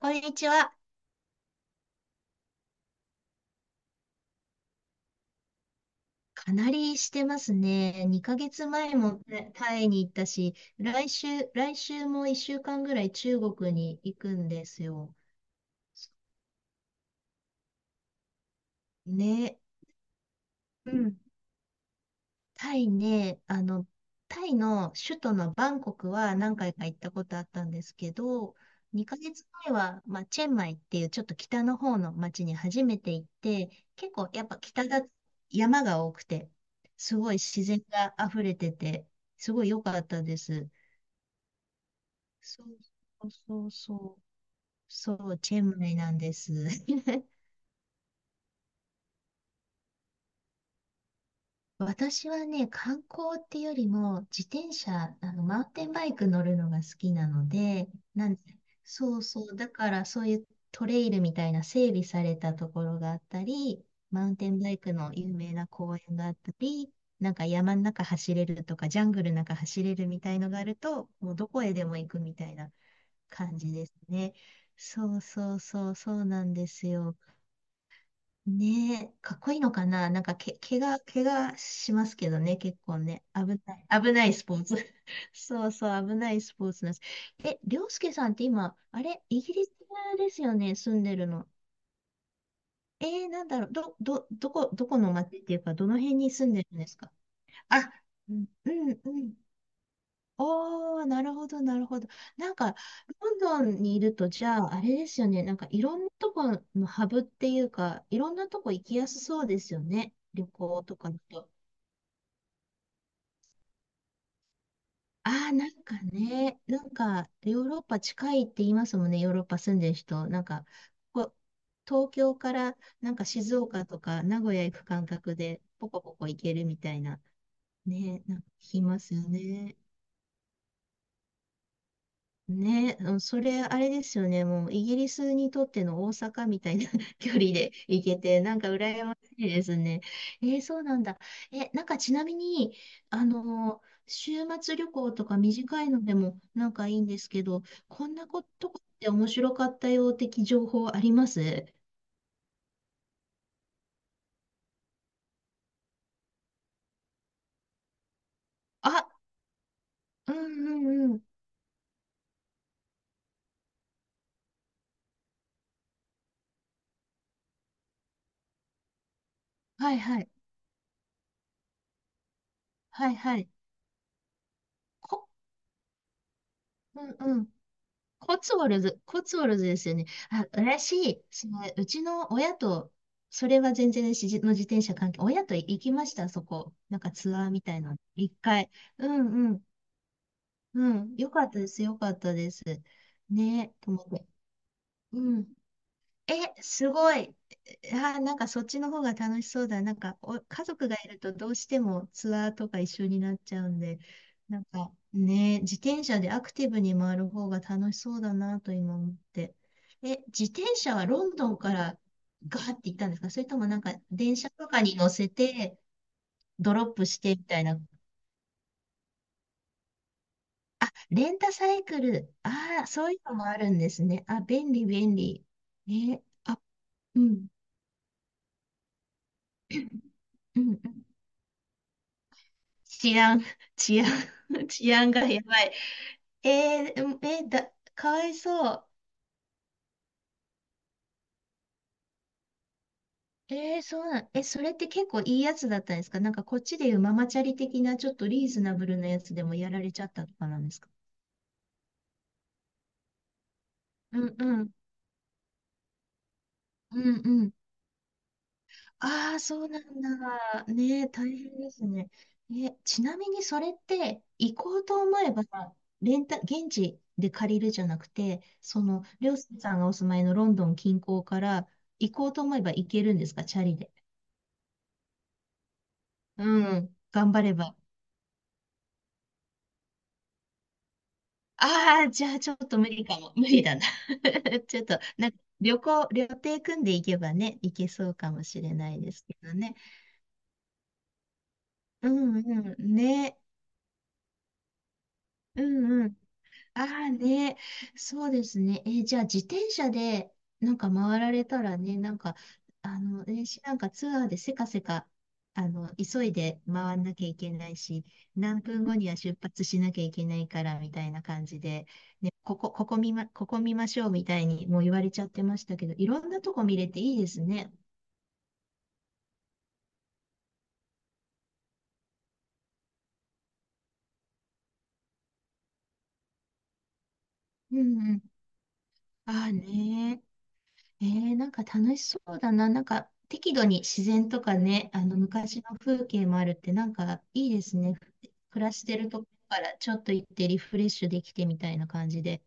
こんにちは。かなりしてますね。2ヶ月前もタイに行ったし、来週も1週間ぐらい中国に行くんですよ。ね。うん。タイね、あの、タイの首都のバンコクは何回か行ったことあったんですけど、2ヶ月前は、まあ、チェンマイっていうちょっと北の方の町に初めて行って、結構やっぱ北だ、山が多くて、すごい自然が溢れてて、すごい良かったです。そうそうそうそう、そうチェンマイなんです。私はね、観光っていうよりも、自転車、あの、マウンテンバイク乗るのが好きなので、なんそうそう、だからそういうトレイルみたいな整備されたところがあったり、マウンテンバイクの有名な公園があったり、なんか山の中走れるとか、ジャングルの中走れるみたいのがあると、もうどこへでも行くみたいな感じですね。そうそうそう、そうなんですよ。ねえ、かっこいいのかななんかけ、怪我、怪我しますけどね、結構ね。危ないスポーツ。そうそう、危ないスポーツなんです。え、りょうすけさんって今、あれ、イギリスですよね、住んでるの。えー、なんだろう、どこの町っていうか、どの辺に住んでるんですか？あ、うん、うん、うん。おー、なるほど、なるほど。なんか、ロンドンにいると、じゃあ、あれですよね。なんか、いろんなとこのハブっていうか、いろんなとこ行きやすそうですよね。旅行とかだと。ああ、なんかね、なんか、ヨーロッパ近いって言いますもんね。ヨーロッパ住んでる人。なんか、ここ東京から、なんか静岡とか名古屋行く感覚で、ポコポコ行けるみたいな。ね、なんか聞きますよね。ね、うんそれ、あれですよね。もう、イギリスにとっての大阪みたいな 距離で行けて、なんか羨ましいですね。えーそうなんだ。え、なんかちなみに、あのー週末旅行とか短いのでもなんかいいんですけど、こんなことって面白かったよ的情報あります？あ、うんうんうん。はいはい。はいはい。こ、うん。コツウォルズ、コツウォルズですよね。あ、私、その、うちの親と、それは全然私の自転車関係、親と行きました、そこ。なんかツアーみたいな。一回。うんうん。うん。よかったです、よかったです。ね、と思って。うん。え、すごい。あ、なんかそっちの方が楽しそうだ。なんかお、家族がいるとどうしてもツアーとか一緒になっちゃうんで、なんかね、自転車でアクティブに回る方が楽しそうだなと今思って。え、自転車はロンドンからガーって行ったんですか？それともなんか電車とかに乗せてドロップしてみたいな。レンタサイクル。ああ、そういうのもあるんですね。あ、便利。え、あ、うん、うん、うん。治安、治安、治安がやばい。えー、うんえーだ、かわいそう。えー、そうなん、え、それって結構いいやつだったんですか？なんかこっちでいうママチャリ的なちょっとリーズナブルなやつでもやられちゃったとかなんですか？うんうん。うん。ああ、そうなんだ。ねえ、大変ですね。え、ちなみにそれって、行こうと思えば、レンタ、現地で借りるじゃなくて、その、りょうすけさんがお住まいのロンドン近郊から、行こうと思えば行けるんですか、チャリで。うん、頑張れば。ああ、じゃあちょっと無理かも。無理だな。ちょっと、なんか、旅行、旅程組んでいけばね、行けそうかもしれないですけどね。うんうん、ね。うんうん。ああね、そうですね。えーじゃあ自転車でなんか回られたらね、なんか、あの、ね、しなんかツアーでせかせか、あの、急いで回んなきゃいけないし、何分後には出発しなきゃいけないからみたいな感じで、ね、ここ見ましょうみたいにもう言われちゃってましたけど、いろんなとこ見れていいですね。うんうん。ああね。えー、なんか楽しそうだな。なんか適度に自然とかね、あの昔の風景もあるってなんかいいですね。暮らしてるとこからちょっと行ってリフレッシュできてみたいな感じで。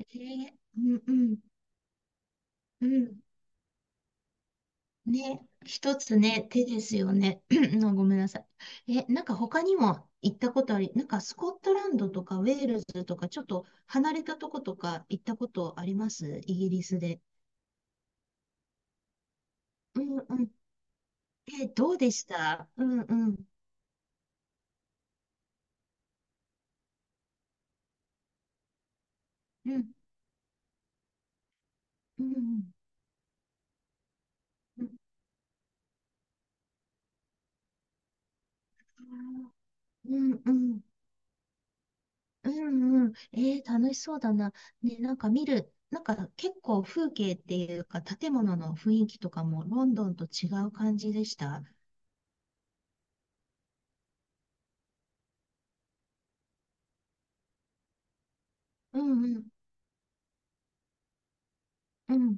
えー、うんうんうん。ね、一つね、手ですよね。のごめんなさい。え、なんか他にも行ったことあり、なんかスコットランドとかウェールズとかちょっと離れたとことか行ったことあります？イギリスで。うんうん。え、どうでした？うんうん。うんうん、うん、うん、うん、うん。えー、楽しそうだな。ね、なんか見る、なんか結構風景っていうか、建物の雰囲気とかもロンドンと違う感じでした？うん、うん、うん。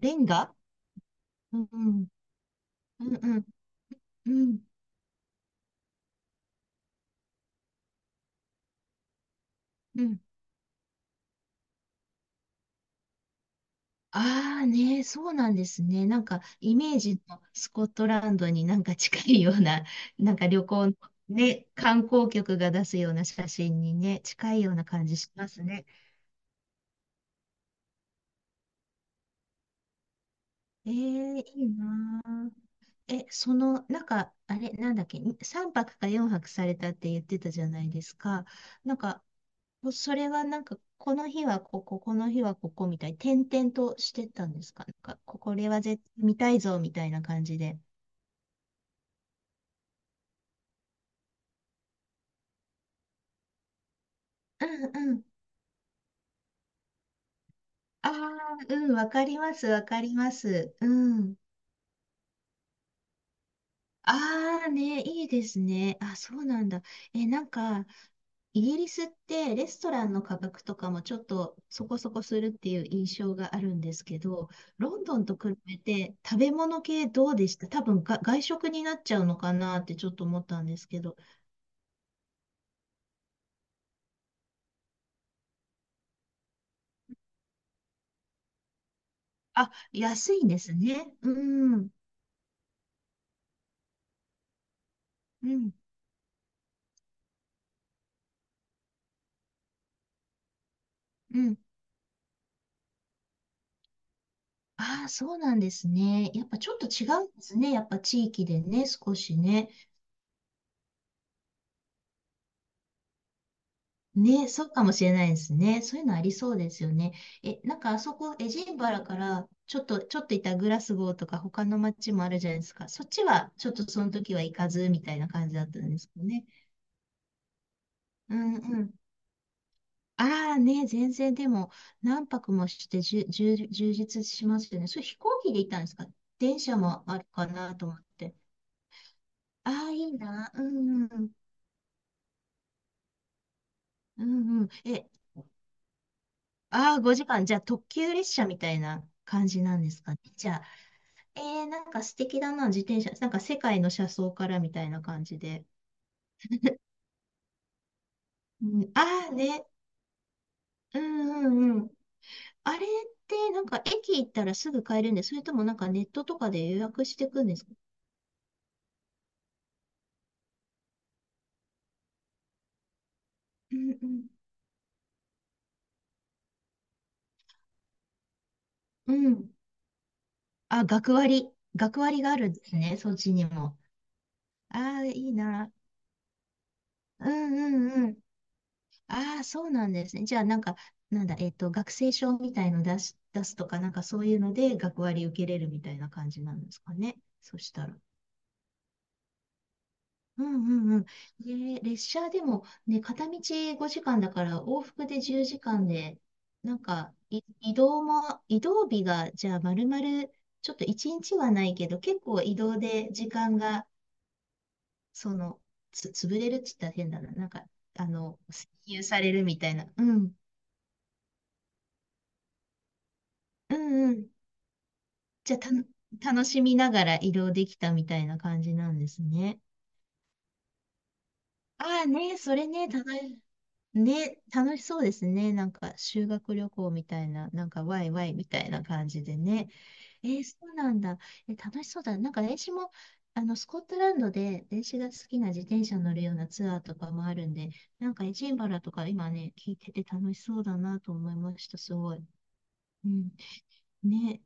レンガ。うん、うん、うん、うん、うん。うん。ああね、そうなんですね。なんかイメージのスコットランドになんか近いような、なんか旅行のね、観光局が出すような写真にね、近いような感じしますね。ええいいなあ。え、その、なんか、あれ、なんだっけ、3泊か4泊されたって言ってたじゃないですか。なんか、もうそれはなんか、この日はここ、この日はここみたいに、転々としてたんですか？なんか、ここれは絶対見たいぞみたいな感じで。うんうん。ああ、うん、わかります、わかります。うん。ああね、いいですね。あ、そうなんだ。え、なんか、イギリスってレストランの価格とかもちょっとそこそこするっていう印象があるんですけど、ロンドンと比べて食べ物系どうでした？多分が外食になっちゃうのかなってちょっと思ったんですけど。あ、安いんですね。うん、うん、うん。ああ、そうなんですね。やっぱちょっと違うんですね。やっぱ地域でね、少しね。ね、そうかもしれないですね。そういうのありそうですよね。え、なんかあそこ、エジンバラから、ちょっといたグラスゴーとか他の街もあるじゃないですか。そっちは、ちょっとその時は行かず、みたいな感じだったんですかね。うんうん。ああね、全然でも、何泊もしてじゅ、充実しますよね。それ飛行機で行ったんですか？電車もあるかなと思って。ああ、いいな。うんうん。うんうん。え、ああ、5時間。じゃあ、特急列車みたいな感じなんですかね。じゃあえー、なんか素敵だな、自転車。なんか世界の車窓からみたいな感じで。うん、ああね。うんうんうん。あれってなんか駅行ったらすぐ買えるんで、それともなんかネットとかで予約していくんですか？うんうん。うん。あ、学割。学割があるんですね、そっちにも。ああ、いいな。うんうんうん。ああ、そうなんですね。じゃあなんか、なんだ、えっと、学生証みたいの出し、出すとか、なんかそういうので学割受けれるみたいな感じなんですかね。そしたら。うんうんうん。ね、列車でもね、片道5時間だから往復で10時間で、なんかい移動も、移動日がじゃあ丸々ちょっと1日はないけど、結構移動で時間が、その、つ、潰れるって言ったら変だな。なんか、あの、占有されるみたいな。うん。うんうん。じゃあたの、楽しみながら移動できたみたいな感じなんですね。ああね、それね、ただ、ね、楽しそうですね。なんか修学旅行みたいな、なんかワイワイみたいな感じでね。えーそうなんだ。え、楽しそうだ。なんか子も、あの、スコットランドで電子が好きな自転車乗るようなツアーとかもあるんで、なんかエジンバラとか今ね、聞いてて楽しそうだなと思いました。すごい。うん。ね。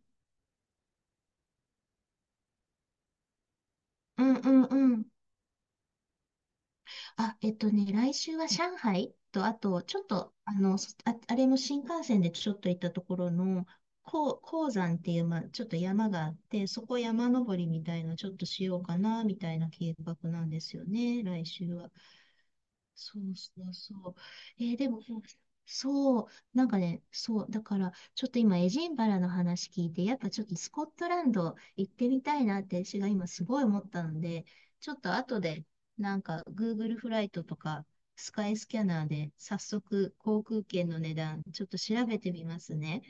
うんうん。あ、えっとね、来週は上海と、あと、ちょっと、あの、そあ、あれも新幹線でちょっと行ったところの、こう鉱山っていう、まあ、ちょっと山があって、そこ山登りみたいな、ちょっとしようかな、みたいな計画なんですよね、来週は。そうそうそう。えーでも、そう、なんかね、そう、だから、ちょっと今、エジンバラの話聞いて、やっぱちょっとスコットランド行ってみたいなって、私が今すごい思ったので、ちょっと後で、なんか、Google フライトとか、スカイスキャナーで、早速、航空券の値段、ちょっと調べてみますね。